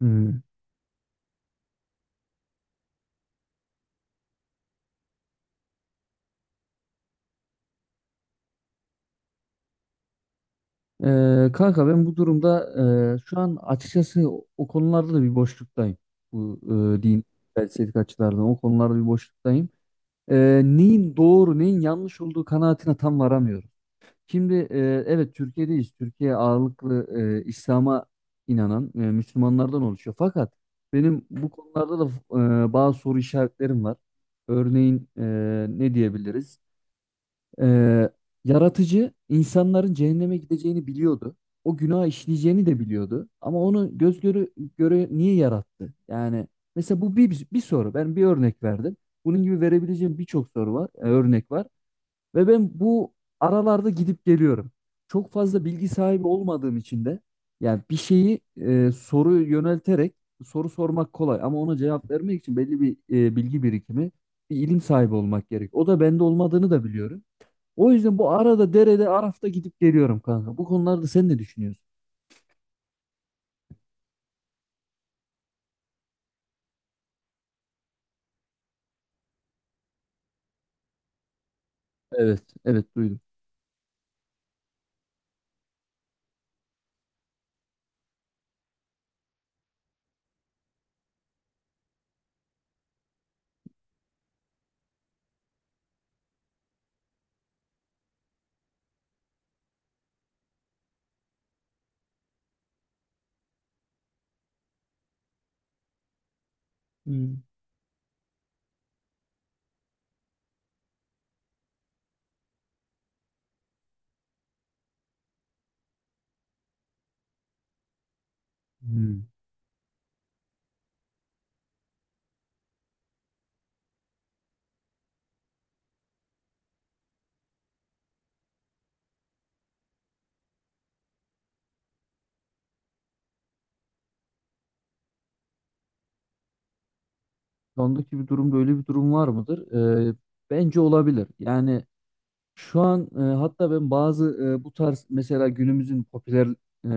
Hmm. Kanka ben bu durumda şu an açıkçası o konularda da bir boşluktayım. Bu Din felsefik açılardan o konularda bir boşluktayım. Neyin doğru neyin yanlış olduğu kanaatine tam varamıyorum. Şimdi evet Türkiye'deyiz. Türkiye ağırlıklı İslam'a inanan Müslümanlardan oluşuyor. Fakat benim bu konularda da bazı soru işaretlerim var. Örneğin ne diyebiliriz? Ee, Yaratıcı insanların cehenneme gideceğini biliyordu. O günah işleyeceğini de biliyordu. Ama onu göz göre, göre niye yarattı? Yani mesela bu bir soru. Ben bir örnek verdim. Bunun gibi verebileceğim birçok soru var, örnek var. Ve ben bu aralarda gidip geliyorum. Çok fazla bilgi sahibi olmadığım için de yani bir şeyi soru yönelterek soru sormak kolay ama ona cevap vermek için belli bir bilgi birikimi, bir ilim sahibi olmak gerek. O da bende olmadığını da biliyorum. O yüzden bu arada derede Araf'ta gidip geliyorum kanka. Bu konularda sen ne düşünüyorsun? Evet, evet duydum. Hmm. Hmm. Şu andaki bir durum böyle bir durum var mıdır? Ee, Bence olabilir. Yani şu an hatta ben bazı bu tarz mesela günümüzün popüler e,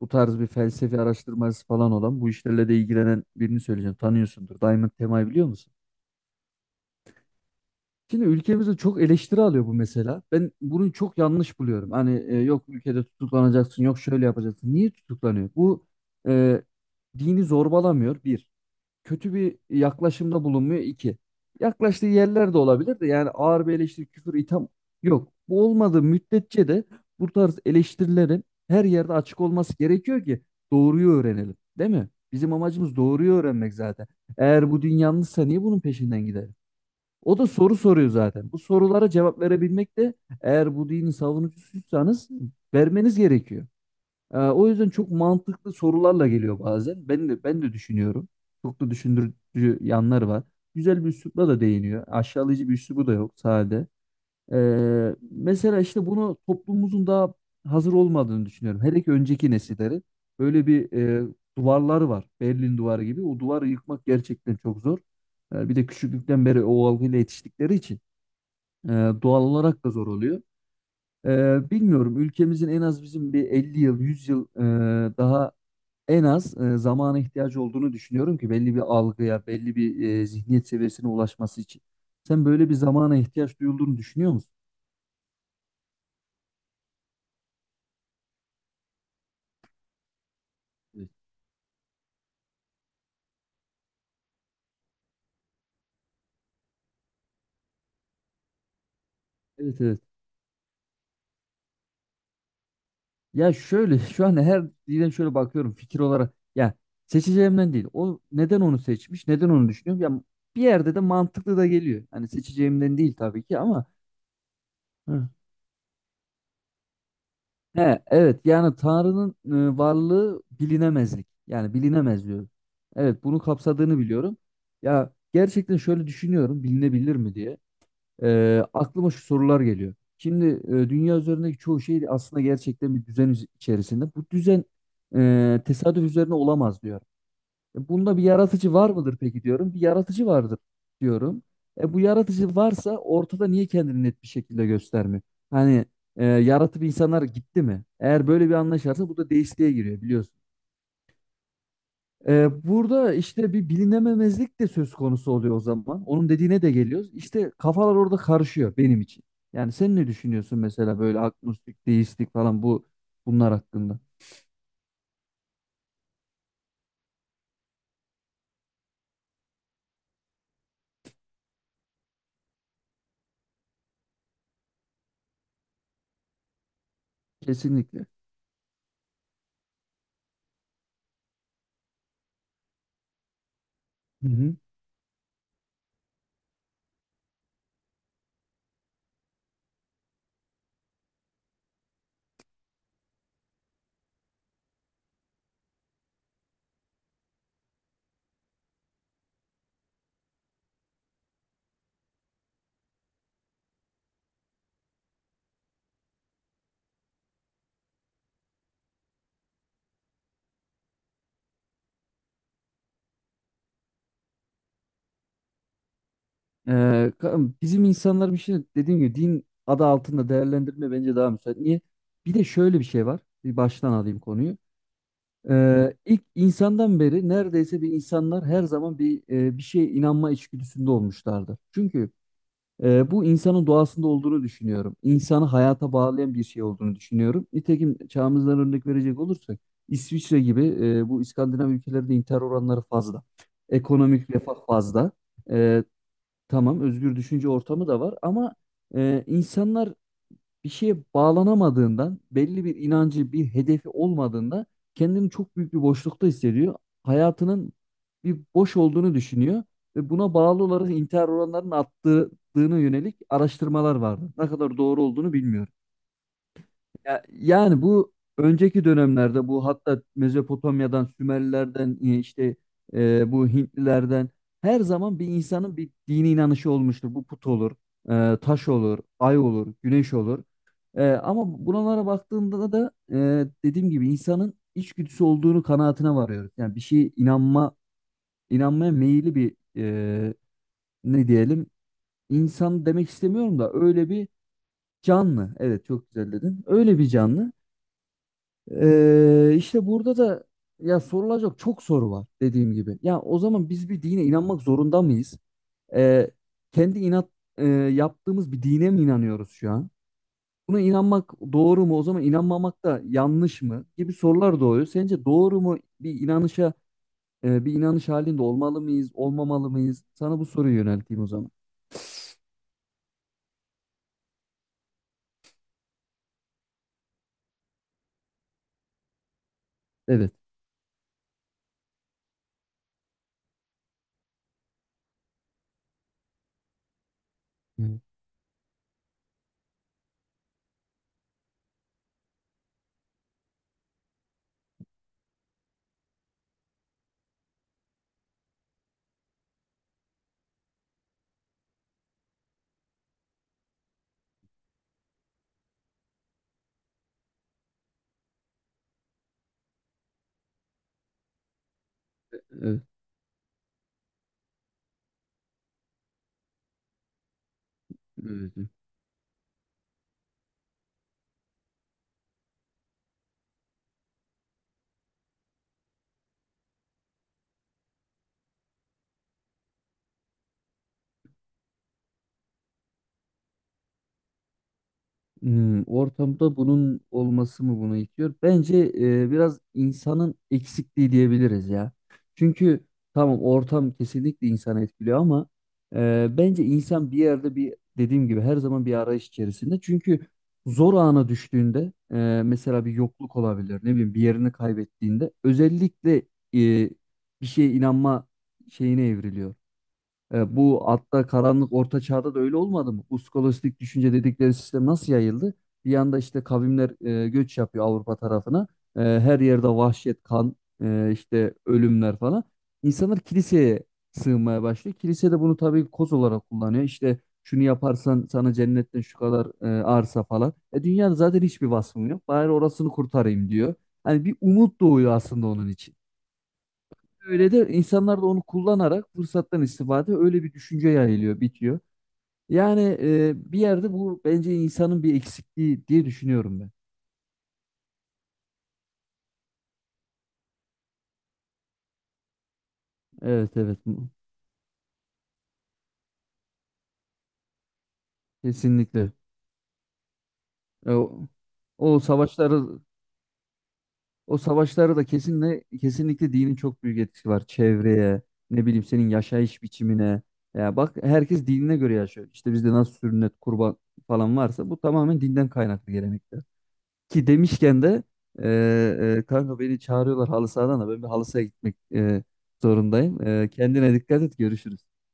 bu tarz bir felsefi araştırmacısı falan olan bu işlerle de ilgilenen birini söyleyeceğim. Tanıyorsundur. Diamond Tema'yı biliyor musun? Şimdi ülkemizde çok eleştiri alıyor bu mesela. Ben bunu çok yanlış buluyorum. Hani yok ülkede tutuklanacaksın, yok şöyle yapacaksın. Niye tutuklanıyor? E, Dini zorbalamıyor bir. Kötü bir yaklaşımda bulunmuyor iki. Yaklaştığı yerler de olabilir de yani ağır bir eleştiri, küfür, itham yok. Bu olmadığı müddetçe de bu tarz eleştirilerin her yerde açık olması gerekiyor ki doğruyu öğrenelim, değil mi? Bizim amacımız doğruyu öğrenmek zaten. Eğer bu din yanlışsa niye bunun peşinden gidelim? O da soru soruyor zaten. Bu sorulara cevap verebilmek de eğer bu dinin savunucusuysanız vermeniz gerekiyor. O yüzden çok mantıklı sorularla geliyor bazen. Ben de düşünüyorum. Çok da düşündürücü yanları var. Güzel bir üslupla da değiniyor. Aşağılayıcı bir üslubu da yok sade. Mesela işte bunu toplumumuzun daha hazır olmadığını düşünüyorum. Hele ki önceki nesillerin böyle bir duvarları var. Berlin duvarı gibi. O duvarı yıkmak gerçekten çok zor. Bir de küçüklükten beri o algıyla yetiştikleri için e, doğal olarak da zor oluyor. Bilmiyorum ülkemizin en az bizim bir 50 yıl, 100 yıl daha en az zamana ihtiyacı olduğunu düşünüyorum ki belli bir algıya, belli bir zihniyet seviyesine ulaşması için. Sen böyle bir zamana ihtiyaç duyulduğunu düşünüyor musun? Evet. Evet, evet. Ya şöyle şu an her dile şöyle bakıyorum fikir olarak. Ya seçeceğimden değil. O neden onu seçmiş? Neden onu düşünüyorum? Ya bir yerde de mantıklı da geliyor. Hani seçeceğimden değil tabii ki ama hı. He evet yani Tanrı'nın varlığı bilinemezlik. Yani bilinemez diyor. Evet bunu kapsadığını biliyorum. Ya gerçekten şöyle düşünüyorum bilinebilir mi diye. Aklıma şu sorular geliyor. Şimdi dünya üzerindeki çoğu şey aslında gerçekten bir düzen üz- içerisinde. Bu düzen tesadüf üzerine olamaz diyor. Bunda bir yaratıcı var mıdır peki diyorum. Bir yaratıcı vardır diyorum. Bu yaratıcı varsa ortada niye kendini net bir şekilde göstermiyor? Hani yaratıp insanlar gitti mi? Eğer böyle bir anlayış varsa bu da deistliğe giriyor biliyorsun. Burada işte bir bilinememezlik de söz konusu oluyor o zaman. Onun dediğine de geliyoruz. İşte kafalar orada karışıyor benim için. Yani sen ne düşünüyorsun mesela böyle agnostik, deistik falan bu bunlar hakkında? Kesinlikle. Hı hı. Ee, Bizim insanların için dediğim gibi din adı altında değerlendirme bence daha müsait. Niye? Bir de şöyle bir şey var. Bir baştan alayım konuyu. İlk insandan beri neredeyse bir insanlar her zaman bir şeye inanma içgüdüsünde olmuşlardı. Çünkü bu insanın doğasında olduğunu düşünüyorum. İnsanı hayata bağlayan bir şey olduğunu düşünüyorum. Nitekim çağımızdan örnek verecek olursak İsviçre gibi bu İskandinav ülkelerinde intihar oranları fazla. Ekonomik refah fazla. Ee, tamam özgür düşünce ortamı da var ama insanlar bir şeye bağlanamadığından, belli bir inancı, bir hedefi olmadığında kendini çok büyük bir boşlukta hissediyor. Hayatının bir boş olduğunu düşünüyor ve buna bağlı olarak intihar oranlarının arttığına yönelik araştırmalar vardı. Ne kadar doğru olduğunu bilmiyorum. Yani bu önceki dönemlerde bu hatta Mezopotamya'dan, Sümerlilerden bu Hintlilerden her zaman bir insanın bir dini inanışı olmuştur. Bu put olur, taş olur, ay olur, güneş olur. Ama buralara baktığında da dediğim gibi insanın içgüdüsü olduğunu kanaatine varıyoruz. Yani bir şeye inanma, inanmaya meyilli ne diyelim insan demek istemiyorum da öyle bir canlı. Evet çok güzel dedin. Öyle bir canlı. İşte burada da ya sorulacak çok soru var dediğim gibi. Ya o zaman biz bir dine inanmak zorunda mıyız? Ee, Kendi inat yaptığımız bir dine mi inanıyoruz şu an? Buna inanmak doğru mu? O zaman inanmamak da yanlış mı? Gibi sorular doğuyor. Sence doğru mu bir inanışa bir inanış halinde olmalı mıyız, olmamalı mıyız? Sana bu soruyu yönelteyim o zaman. Evet. Evet, evet. Evet. Hmm, ortamda bunun olması mı bunu itiyor? Bence biraz insanın eksikliği diyebiliriz ya. Çünkü tamam ortam kesinlikle insanı etkiliyor ama bence insan bir yerde bir dediğim gibi her zaman bir arayış içerisinde. Çünkü zor ana düştüğünde mesela bir yokluk olabilir ne bileyim bir yerini kaybettiğinde özellikle e, bir şeye inanma şeyine evriliyor. Bu hatta karanlık orta çağda da öyle olmadı mı? Bu skolastik düşünce dedikleri sistem nasıl yayıldı? Bir yanda işte kavimler göç yapıyor Avrupa tarafına. Her yerde vahşet, kan, işte ölümler falan. İnsanlar kiliseye sığınmaya başlıyor. Kilise de bunu tabii koz olarak kullanıyor. İşte şunu yaparsan sana cennetten şu kadar arsa falan. E, dünyada zaten hiçbir vasfım yok. Bari orasını kurtarayım diyor. Hani bir umut doğuyor aslında onun için. Öyle de insanlar da onu kullanarak fırsattan istifade öyle bir düşünce yayılıyor, bitiyor. Yani bir yerde bu bence insanın bir eksikliği diye düşünüyorum ben. Evet evet mu- Kesinlikle. E, o, o savaşları o savaşları da kesinlikle kesinlikle dinin çok büyük etkisi var çevreye, ne bileyim senin yaşayış biçimine. Ya bak herkes dinine göre yaşıyor. İşte bizde nasıl sünnet, kurban falan varsa bu tamamen dinden kaynaklı gelenekler. Ki demişken de kanka beni çağırıyorlar halı sahadan da ben bir halı sahaya gitmek zorundayım. E, kendine dikkat et görüşürüz.